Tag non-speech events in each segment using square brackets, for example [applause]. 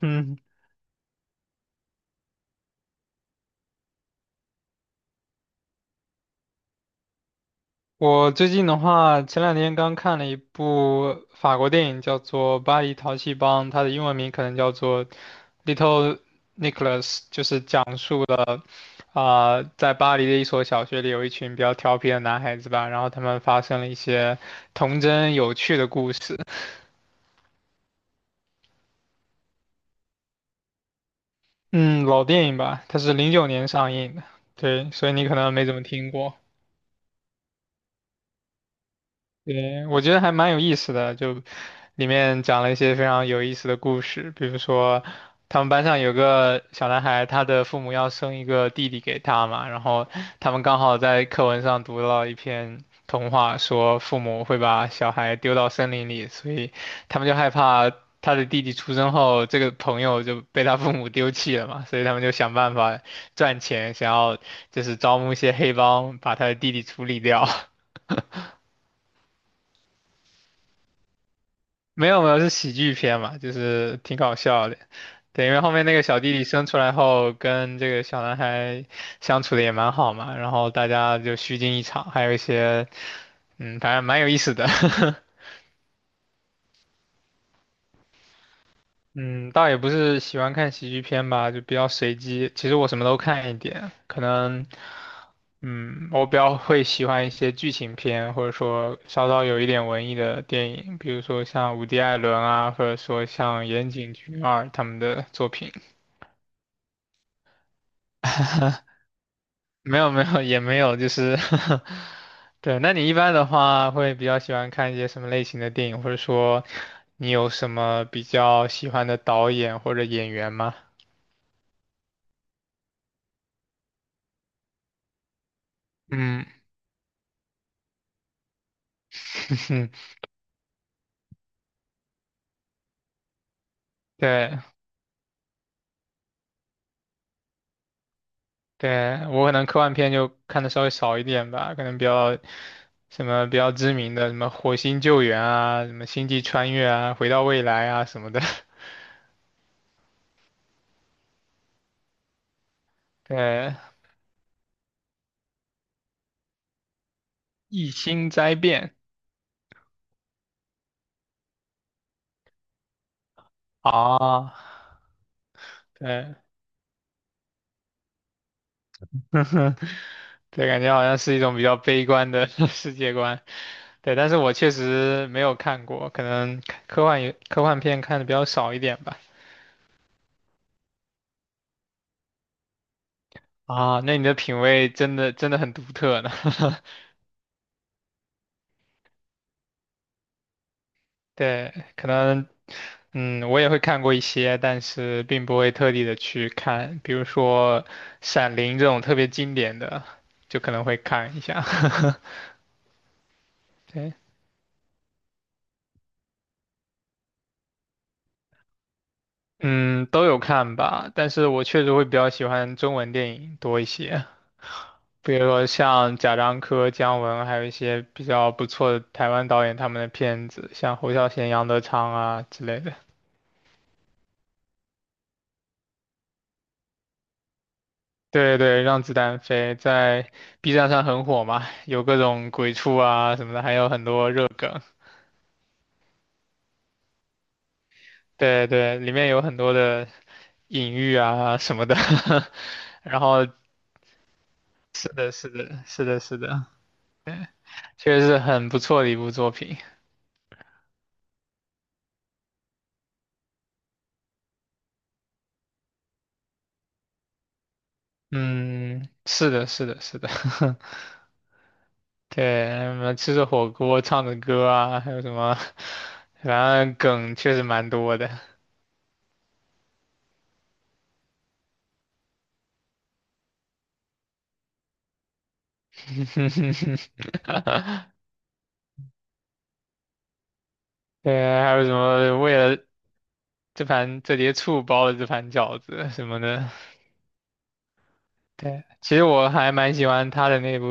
嗯，我最近的话，前两天刚看了一部法国电影，叫做《巴黎淘气帮》，它的英文名可能叫做《Little Nicholas》，就是讲述了在巴黎的一所小学里有一群比较调皮的男孩子吧，然后他们发生了一些童真有趣的故事。嗯，老电影吧，它是09年上映的，对，所以你可能没怎么听过。对，我觉得还蛮有意思的，就里面讲了一些非常有意思的故事，比如说他们班上有个小男孩，他的父母要生一个弟弟给他嘛，然后他们刚好在课文上读到一篇童话，说父母会把小孩丢到森林里，所以他们就害怕他的弟弟出生后，这个朋友就被他父母丢弃了嘛，所以他们就想办法赚钱，想要就是招募一些黑帮把他的弟弟处理掉。没有没有，是喜剧片嘛，就是挺搞笑的。对，因为后面那个小弟弟生出来后，跟这个小男孩相处的也蛮好嘛，然后大家就虚惊一场，还有一些，反正蛮有意思的。[laughs] 嗯，倒也不是喜欢看喜剧片吧，就比较随机。其实我什么都看一点，可能，我比较会喜欢一些剧情片，或者说稍稍有一点文艺的电影，比如说像伍迪·艾伦啊，或者说像岩井俊二他们的作品。没有没有也没有，就是 [laughs] 对。那你一般的话会比较喜欢看一些什么类型的电影，或者说你有什么比较喜欢的导演或者演员吗？嗯，[laughs] 对。对，我可能科幻片就看的稍微少一点吧，可能比较什么比较知名的，什么火星救援啊，什么星际穿越啊，回到未来啊什么的。[laughs] 对，异星灾变啊，对，[laughs] 对，感觉好像是一种比较悲观的 [laughs] 世界观。对，但是我确实没有看过，可能科幻片看的比较少一点吧。啊，那你的品味真的真的很独特呢。[laughs] 对，可能，我也会看过一些，但是并不会特地的去看，比如说《闪灵》这种特别经典的，就可能会看一下。[laughs] 对，嗯，都有看吧，但是我确实会比较喜欢中文电影多一些，比如说像贾樟柯、姜文，还有一些比较不错的台湾导演他们的片子，像侯孝贤、杨德昌啊之类的。对对，让子弹飞在 B 站上很火嘛，有各种鬼畜啊什么的，还有很多热梗。对对，里面有很多的隐喻啊什么的。[laughs] 然后是的，是的，是的，是的，确实是很不错的一部作品。嗯，是的，是的，是的。[laughs] 对，什么吃着火锅唱着歌啊，还有什么，反正梗确实蛮多的。[laughs] 对，还有什么为了这盘折叠醋包的这盘饺子什么的。对，其实我还蛮喜欢他的那部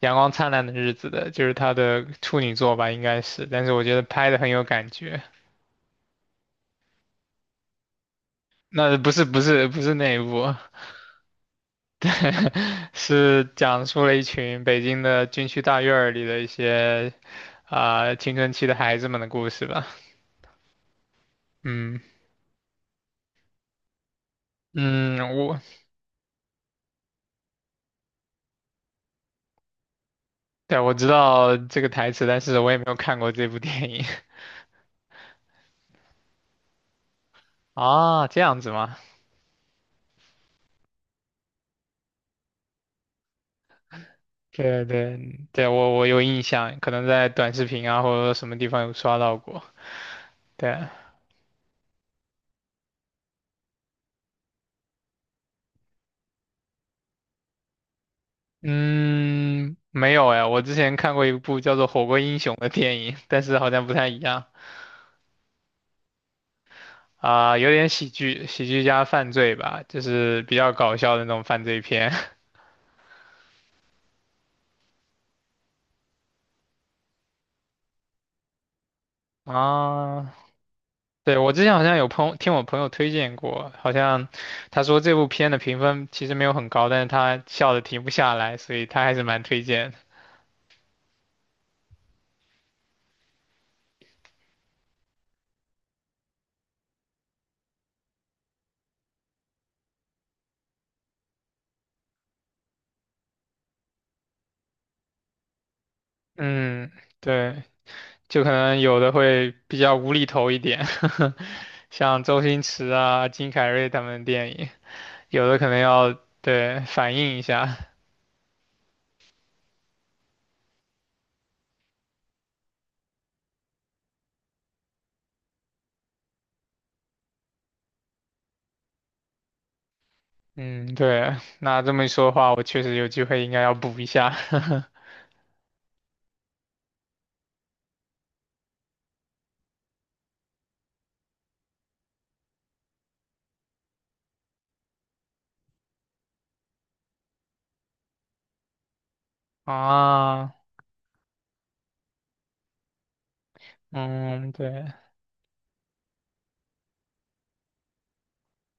《阳光灿烂的日子》的，就是他的处女作吧，应该是，但是我觉得拍的很有感觉。那不是不是不是那一部，对，是讲述了一群北京的军区大院儿里的一些青春期的孩子们的故事吧。嗯嗯，对，我知道这个台词，但是我也没有看过这部电影 [laughs] 啊，这样子吗？对对对，我有印象，可能在短视频啊或者什么地方有刷到过。对，嗯，没有哎，我之前看过一部叫做《火锅英雄》的电影，但是好像不太一样啊，有点喜剧，喜剧加犯罪吧，就是比较搞笑的那种犯罪片 [laughs] 啊。对，我之前好像听我朋友推荐过，好像他说这部片的评分其实没有很高，但是他笑的停不下来，所以他还是蛮推荐的。嗯，对。就可能有的会比较无厘头一点，[laughs] 像周星驰啊、金凯瑞他们的电影，有的可能要对反映一下。嗯，对，那这么一说的话，我确实有机会应该要补一下。[laughs] 啊，嗯，对，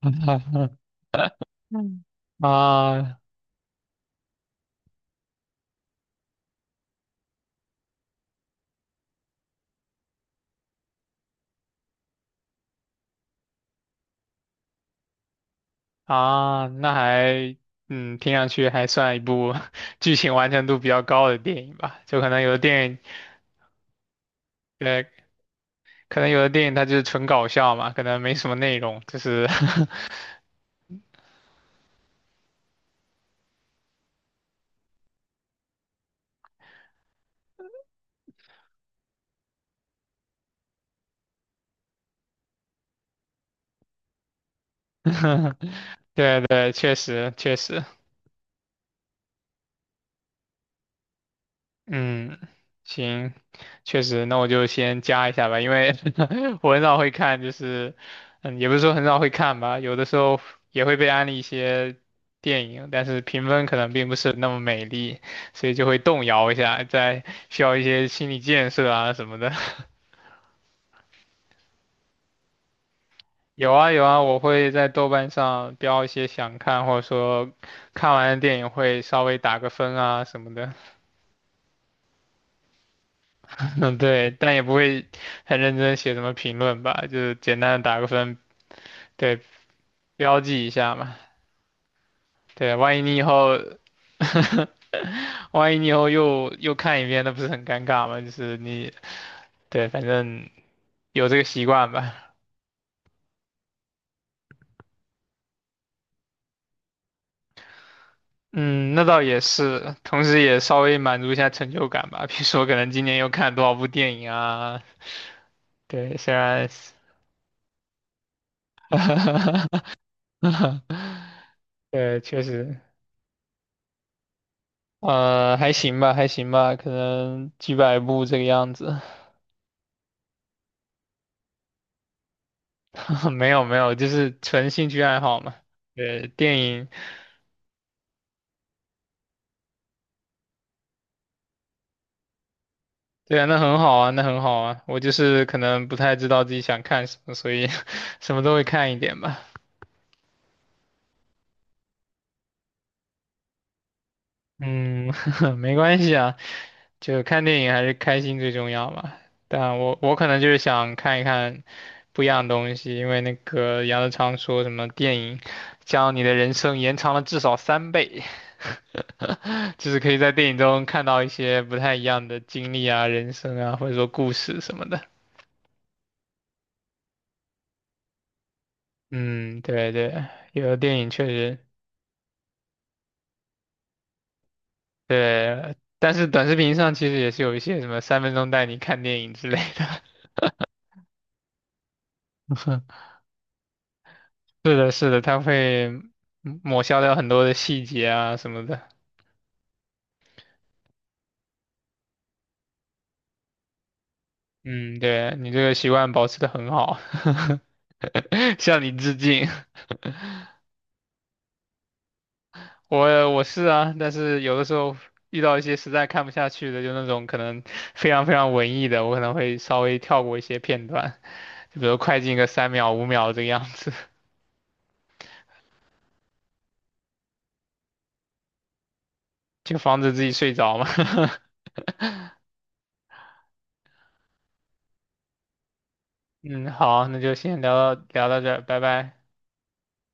[laughs] 嗯啊啊，那还嗯。听上去还算一部 [laughs] 剧情完成度比较高的电影吧，就可能有的电影。对，可能有的电影它就是纯搞笑嘛，可能没什么内容，就是 [laughs] 对对，确实确实，嗯，行，确实，那我就先加一下吧，因为 [laughs] 我很少会看，就是，嗯，也不是说很少会看吧，有的时候也会被安利一些电影，但是评分可能并不是那么美丽，所以就会动摇一下，在需要一些心理建设啊什么的。有啊有啊，我会在豆瓣上标一些想看，或者说看完的电影会稍微打个分啊什么的。[laughs] 嗯，对，但也不会很认真写什么评论吧，就是简单的打个分，对，标记一下嘛。对，万一你以后，[laughs] 万一你以后又看一遍，那不是很尴尬吗？就是你，对，反正有这个习惯吧。嗯，那倒也是，同时也稍微满足一下成就感吧。比如说，可能今年又看了多少部电影啊？对，虽然，[laughs] 对，确实，还行吧，还行吧，可能几百部这个样子。[laughs] 没有没有，就是纯兴趣爱好嘛。对，电影，对啊，那很好啊，那很好啊。我就是可能不太知道自己想看什么，所以 [laughs] 什么都会看一点吧。嗯，[laughs] 没关系啊。就看电影还是开心最重要嘛。但我可能就是想看一看不一样的东西，因为那个杨德昌说什么电影将你的人生延长了至少三倍，[laughs] 就是可以在电影中看到一些不太一样的经历啊、人生啊，或者说故事什么的。嗯，对对，有的电影确实对，但是短视频上其实也是有一些什么3分钟带你看电影之类的。[laughs] 是的，是的，它会抹消掉很多的细节啊什么的。嗯，对，你这个习惯保持的很好，[laughs] 向你致敬。我是啊，但是有的时候遇到一些实在看不下去的，就那种可能非常非常文艺的，我可能会稍微跳过一些片段，就比如快进个3秒5秒这个样子，就防止自己睡着嘛。[laughs] 嗯，好，那就先聊到这儿，拜拜。